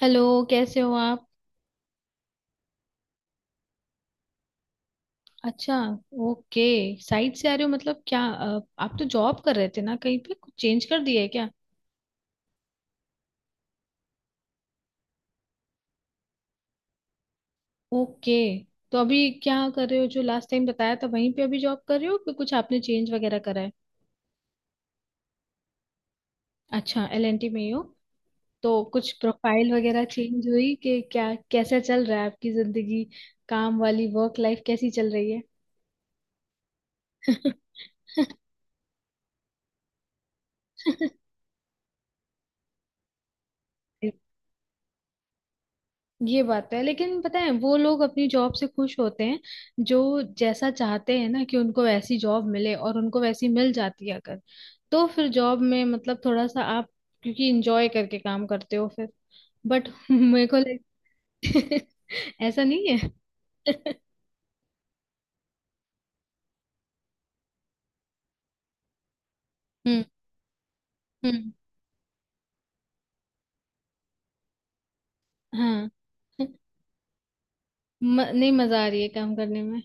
Hello. कैसे हो आप? अच्छा। ओके। साइड से आ रहे हो मतलब क्या, आप तो जॉब कर रहे थे ना, कहीं पे कुछ चेंज कर दिया है क्या? ओके। तो अभी क्या कर रहे हो? जो लास्ट टाइम बताया था वहीं पे अभी जॉब कर रहे हो कि कुछ आपने चेंज वगैरह करा है? अच्छा, एलएनटी में ही हो। तो कुछ प्रोफाइल वगैरह चेंज हुई कि क्या? कैसा चल रहा है आपकी जिंदगी? काम वाली वर्क लाइफ कैसी चल रही है? ये बात है, लेकिन पता है वो लोग अपनी जॉब से खुश होते हैं, जो जैसा चाहते हैं ना कि उनको वैसी जॉब मिले, और उनको वैसी मिल जाती है अगर। तो फिर जॉब में मतलब थोड़ा सा आप, क्योंकि इंजॉय करके काम करते हो फिर। बट मेरे को लग... ऐसा नहीं है। हम्म। हम्म। हाँ। नहीं मजा आ रही है काम करने में।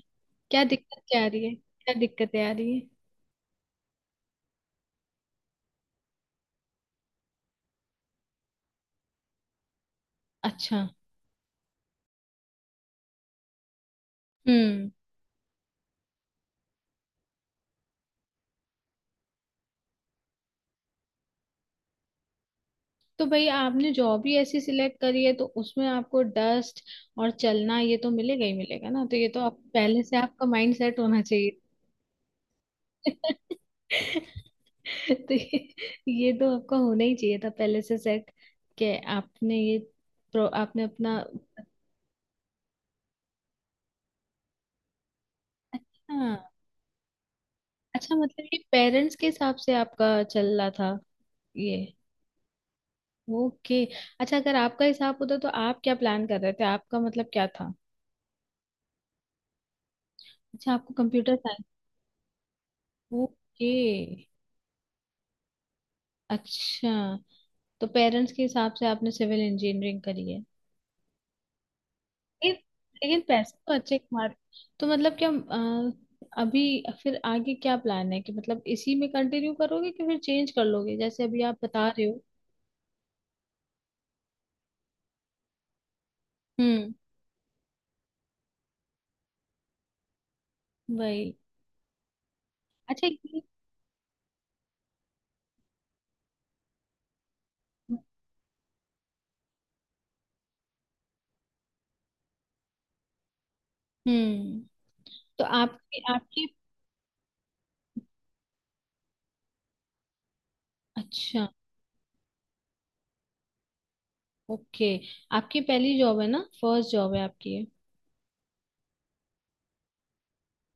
क्या दिक्कत, क्या आ रही है, क्या दिक्कतें आ रही है? अच्छा। हम्म। तो भाई आपने जॉब ही ऐसी सिलेक्ट करी है, तो उसमें आपको डस्ट और चलना ये तो मिलेगा ही मिलेगा ना। तो ये तो आप पहले से आपका माइंड सेट होना चाहिए। तो ये तो आपका होना ही चाहिए था पहले से सेट। कि आपने अपना। अच्छा, अच्छा, मतलब ये पेरेंट्स के हिसाब से आपका चल रहा था, ये? ओके। अच्छा, अगर आपका हिसाब होता तो आप क्या प्लान कर रहे थे? आपका मतलब क्या था? अच्छा, आपको कंप्यूटर साइंस। ओके। अच्छा, तो पेरेंट्स के हिसाब से आपने सिविल इंजीनियरिंग करी है। लेकिन लेकिन पैसे तो अच्छे कमा रहे। तो मतलब क्या, अभी, फिर आगे क्या प्लान है कि मतलब इसी में कंटिन्यू करोगे कि फिर चेंज कर लोगे जैसे अभी आप बता रहे हो? हम्म। वही। अच्छा। हम्म। तो आपकी आपकी, अच्छा, ओके, आपकी पहली जॉब है ना? फर्स्ट जॉब है आपकी, ये?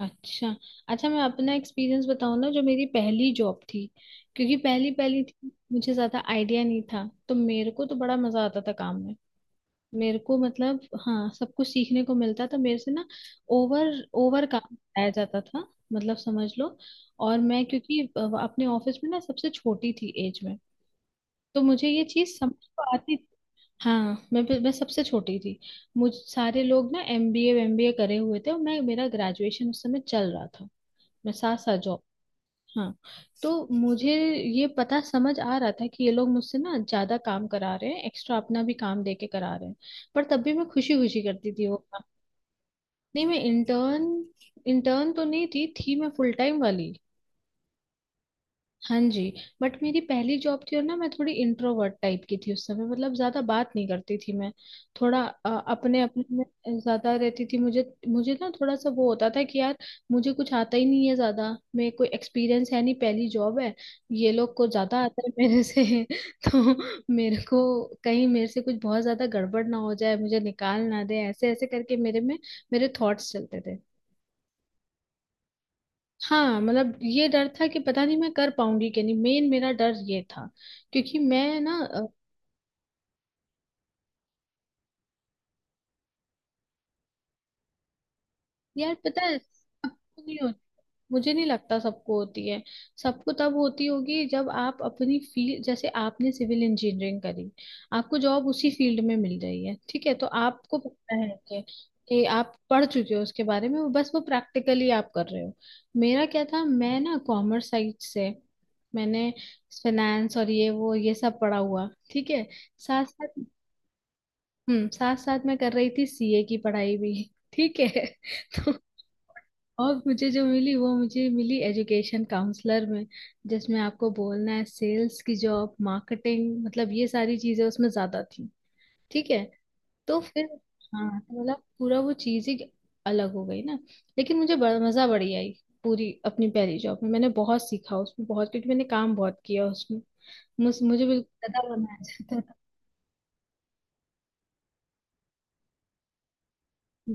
अच्छा। अच्छा, मैं अपना एक्सपीरियंस बताऊँ ना, जो मेरी पहली जॉब थी। क्योंकि पहली पहली थी, मुझे ज्यादा आइडिया नहीं था, तो मेरे को तो बड़ा मजा आता था काम में। मेरे को मतलब, हाँ, सब कुछ सीखने को मिलता था मेरे से ना। ओवर ओवर काम कराया जाता था, मतलब समझ लो। और मैं क्योंकि अपने ऑफिस में ना सबसे छोटी थी एज में, तो मुझे ये चीज समझ तो आती थी। हाँ, मैं सबसे छोटी थी। मुझ सारे लोग ना एमबीए एमबीए करे हुए थे, और मैं, मेरा ग्रेजुएशन उस समय चल रहा था। मसासा जॉब। हाँ। तो मुझे ये पता समझ आ रहा था कि ये लोग मुझसे ना ज्यादा काम करा रहे हैं, एक्स्ट्रा अपना भी काम दे के करा रहे हैं। पर तब भी मैं खुशी खुशी करती थी वो काम। नहीं, मैं इंटर्न इंटर्न तो नहीं थी, थी मैं फुल टाइम वाली। हाँ जी। बट मेरी पहली जॉब थी, और ना मैं थोड़ी इंट्रोवर्ट टाइप की थी उस समय, मतलब ज्यादा बात नहीं करती थी मैं। थोड़ा अपने अपने में ज्यादा रहती थी। मुझे मुझे ना थोड़ा सा वो होता था कि यार, मुझे कुछ आता ही नहीं है ज्यादा, मेरे कोई एक्सपीरियंस है नहीं, पहली जॉब है, ये लोग को ज्यादा आता है मेरे से। तो मेरे को, कहीं मेरे से कुछ बहुत ज्यादा गड़बड़ ना हो जाए, मुझे निकाल ना दे, ऐसे ऐसे करके मेरे में मेरे थॉट्स चलते थे। हाँ, मतलब ये डर था कि पता नहीं मैं कर पाऊंगी कि नहीं, मेन मेरा डर ये था। क्योंकि मैं ना यार, पता है, सबको नहीं होता। मुझे नहीं लगता सबको होती है। सबको तब होती होगी जब आप अपनी फील्ड, जैसे आपने सिविल इंजीनियरिंग करी, आपको जॉब उसी फील्ड में मिल रही है, ठीक है, तो आपको पता है कि आप पढ़ चुके हो उसके बारे में, वो बस वो प्रैक्टिकली आप कर रहे हो। मेरा क्या था, मैं ना कॉमर्स साइड से, मैंने फाइनेंस और ये वो ये सब पढ़ा हुआ, ठीक है। साथ साथ, हम्म, साथ साथ मैं कर रही थी सीए की पढ़ाई भी। ठीक है। तो और मुझे जो मिली, वो मुझे मिली एजुकेशन काउंसलर में, जिसमें आपको बोलना है, सेल्स की जॉब, मार्केटिंग, मतलब ये सारी चीजें उसमें ज्यादा थी। ठीक है, तो फिर, हाँ, तो मतलब पूरा वो चीज ही अलग हो गई ना। लेकिन मुझे बड़ा मजा बड़ी आई। पूरी अपनी पहली जॉब में मैंने बहुत सीखा उसमें, बहुत, क्योंकि मैंने काम बहुत किया उसमें। मुझे बिल्कुल गधा बनाया जाता था।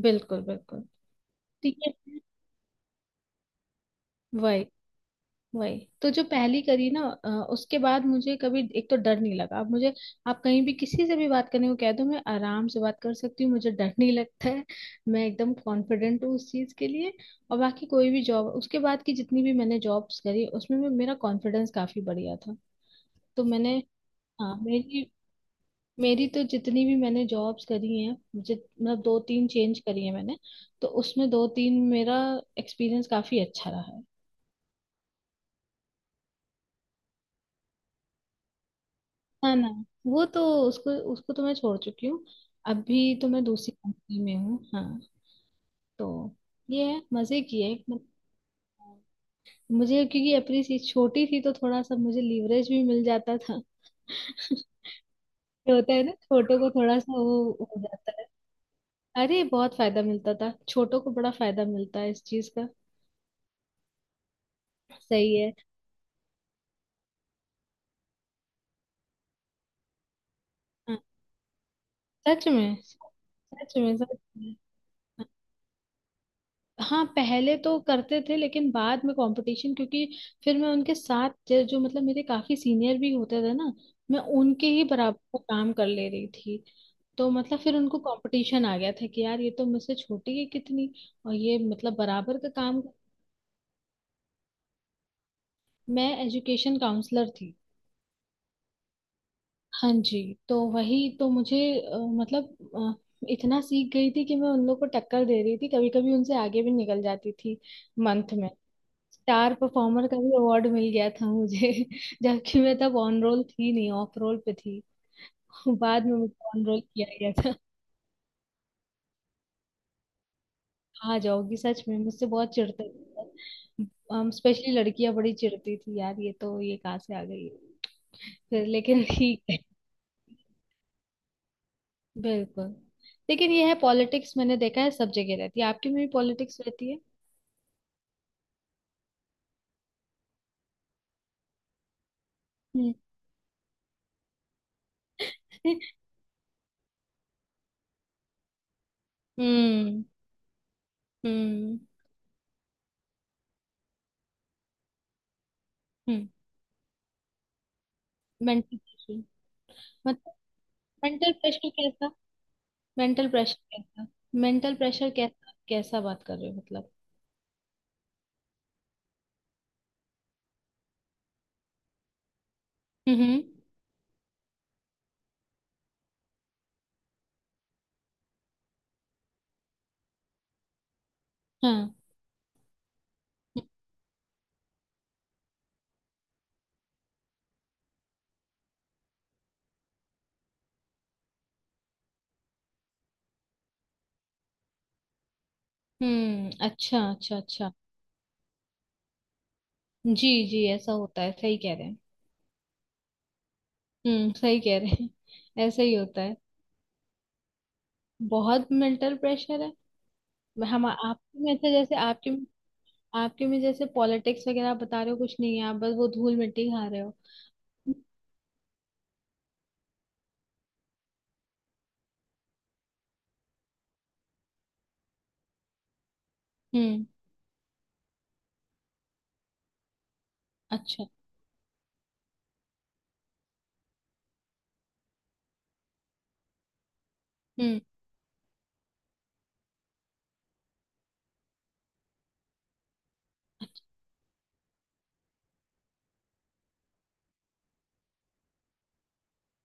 बिल्कुल, बिल्कुल, ठीक है, वही। वही तो जो पहली करी ना, उसके बाद मुझे कभी एक तो डर नहीं लगा अब मुझे। आप कहीं भी किसी से भी बात करने को कह दो, मैं आराम से बात कर सकती हूँ, मुझे डर नहीं लगता है। मैं एकदम कॉन्फिडेंट हूँ उस चीज के लिए। और बाकी कोई भी जॉब उसके बाद की, जितनी भी मैंने जॉब्स करी, उसमें भी मेरा कॉन्फिडेंस काफी बढ़िया था। तो मैंने, हाँ, मेरी मेरी तो जितनी भी मैंने जॉब्स करी हैं, मुझे मतलब दो तीन चेंज करी है मैंने, तो उसमें दो तीन, मेरा एक्सपीरियंस काफी अच्छा रहा है। ना, ना, वो तो उसको उसको तो मैं छोड़ चुकी हूँ। अभी तो मैं दूसरी कंपनी में हूँ, हाँ। तो ये है, मजे की है, मुझे क्योंकि अपनी सी छोटी थी, तो थोड़ा सा मुझे लीवरेज भी मिल जाता था। ये होता है ना, छोटों को थोड़ा सा वो हो जाता है। अरे बहुत फायदा मिलता था, छोटों को बड़ा फायदा मिलता है इस चीज का। सही है। हाँ, सच में, सच में, सच में। हाँ, पहले तो करते थे, लेकिन बाद में कंपटीशन, क्योंकि फिर मैं उनके साथ, जो जो मतलब मेरे काफी सीनियर भी होते थे ना, मैं उनके ही बराबर का काम कर ले रही थी। तो मतलब फिर उनको कंपटीशन आ गया था कि यार, ये तो मुझसे छोटी है कितनी, और ये मतलब बराबर का काम। मैं एजुकेशन काउंसलर थी। हाँ जी। तो वही तो मुझे मतलब इतना सीख गई थी कि मैं उन लोग को टक्कर दे रही थी, कभी कभी उनसे आगे भी निकल जाती थी। मंथ में स्टार परफॉर्मर का भी अवार्ड मिल गया था मुझे। जबकि मैं तब ऑन रोल थी नहीं, ऑफ रोल पे थी। बाद में मुझे ऑन रोल किया गया था। आ जाओगी, सच में मुझसे बहुत चिढ़ते थे, स्पेशली लड़कियां बड़ी चिढ़ती थी यार, ये तो, ये कहाँ से आ गई। फिर लेकिन ठीक है। बिल्कुल। लेकिन ये है पॉलिटिक्स, मैंने देखा है सब जगह रहती है, आपकी में भी पॉलिटिक्स रहती है। हम्म। हम्म। हम्म। Mental pressure? मतलब मेंटल प्रेशर कैसा? मेंटल प्रेशर कैसा? मेंटल प्रेशर कैसा कैसा बात कर रहे हो मतलब? हम्म। हम्म। हाँ। हम्म। अच्छा, अच्छा, अच्छा। जी जी, ऐसा होता है, सही कह रहे हैं। हम्म, सही कह रहे हैं। ऐसा ही होता है। बहुत मेंटल प्रेशर है। हम आपके में ऐसे जैसे आपके, आपके में जैसे पॉलिटिक्स वगैरह आप बता रहे हो, कुछ नहीं है, आप बस वो धूल मिट्टी खा रहे हो। हम्म। अच्छा। हम्म।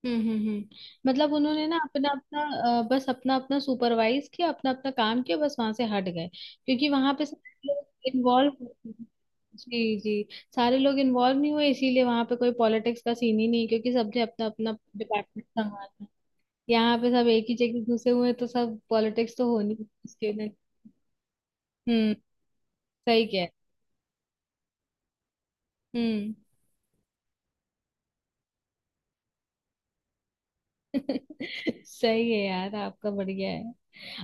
हम्म। हम्म। हम्म। मतलब उन्होंने ना अपना अपना, बस अपना अपना सुपरवाइज किया, अपना अपना काम किया, बस वहां से हट गए। क्योंकि वहां पे सारे लोग इन्वॉल्व। जी जी। सारे लोग इन्वॉल्व नहीं हुए, इसीलिए वहां पे कोई पॉलिटिक्स का सीन ही नहीं, क्योंकि सबने अपना अपना डिपार्टमेंट संभाला। यहाँ पे सब एक ही जगह घुसे हुए हैं, तो सब पॉलिटिक्स तो होनी है उसके लिए। हम्म। सही क्या है। हम्म। सही है यार, आपका बढ़िया है।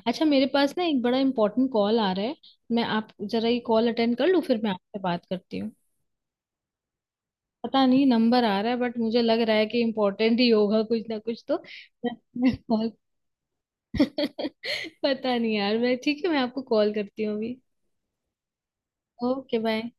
अच्छा, मेरे पास ना एक बड़ा इंपॉर्टेंट कॉल आ रहा है, मैं आप जरा ये कॉल अटेंड कर लूँ, फिर मैं आपसे बात करती हूँ। पता नहीं नंबर आ रहा है, बट मुझे लग रहा है कि इम्पोर्टेंट ही होगा कुछ ना कुछ तो। मैं कॉल पता नहीं यार, मैं ठीक है, मैं आपको कॉल करती हूँ अभी। Okay, bye.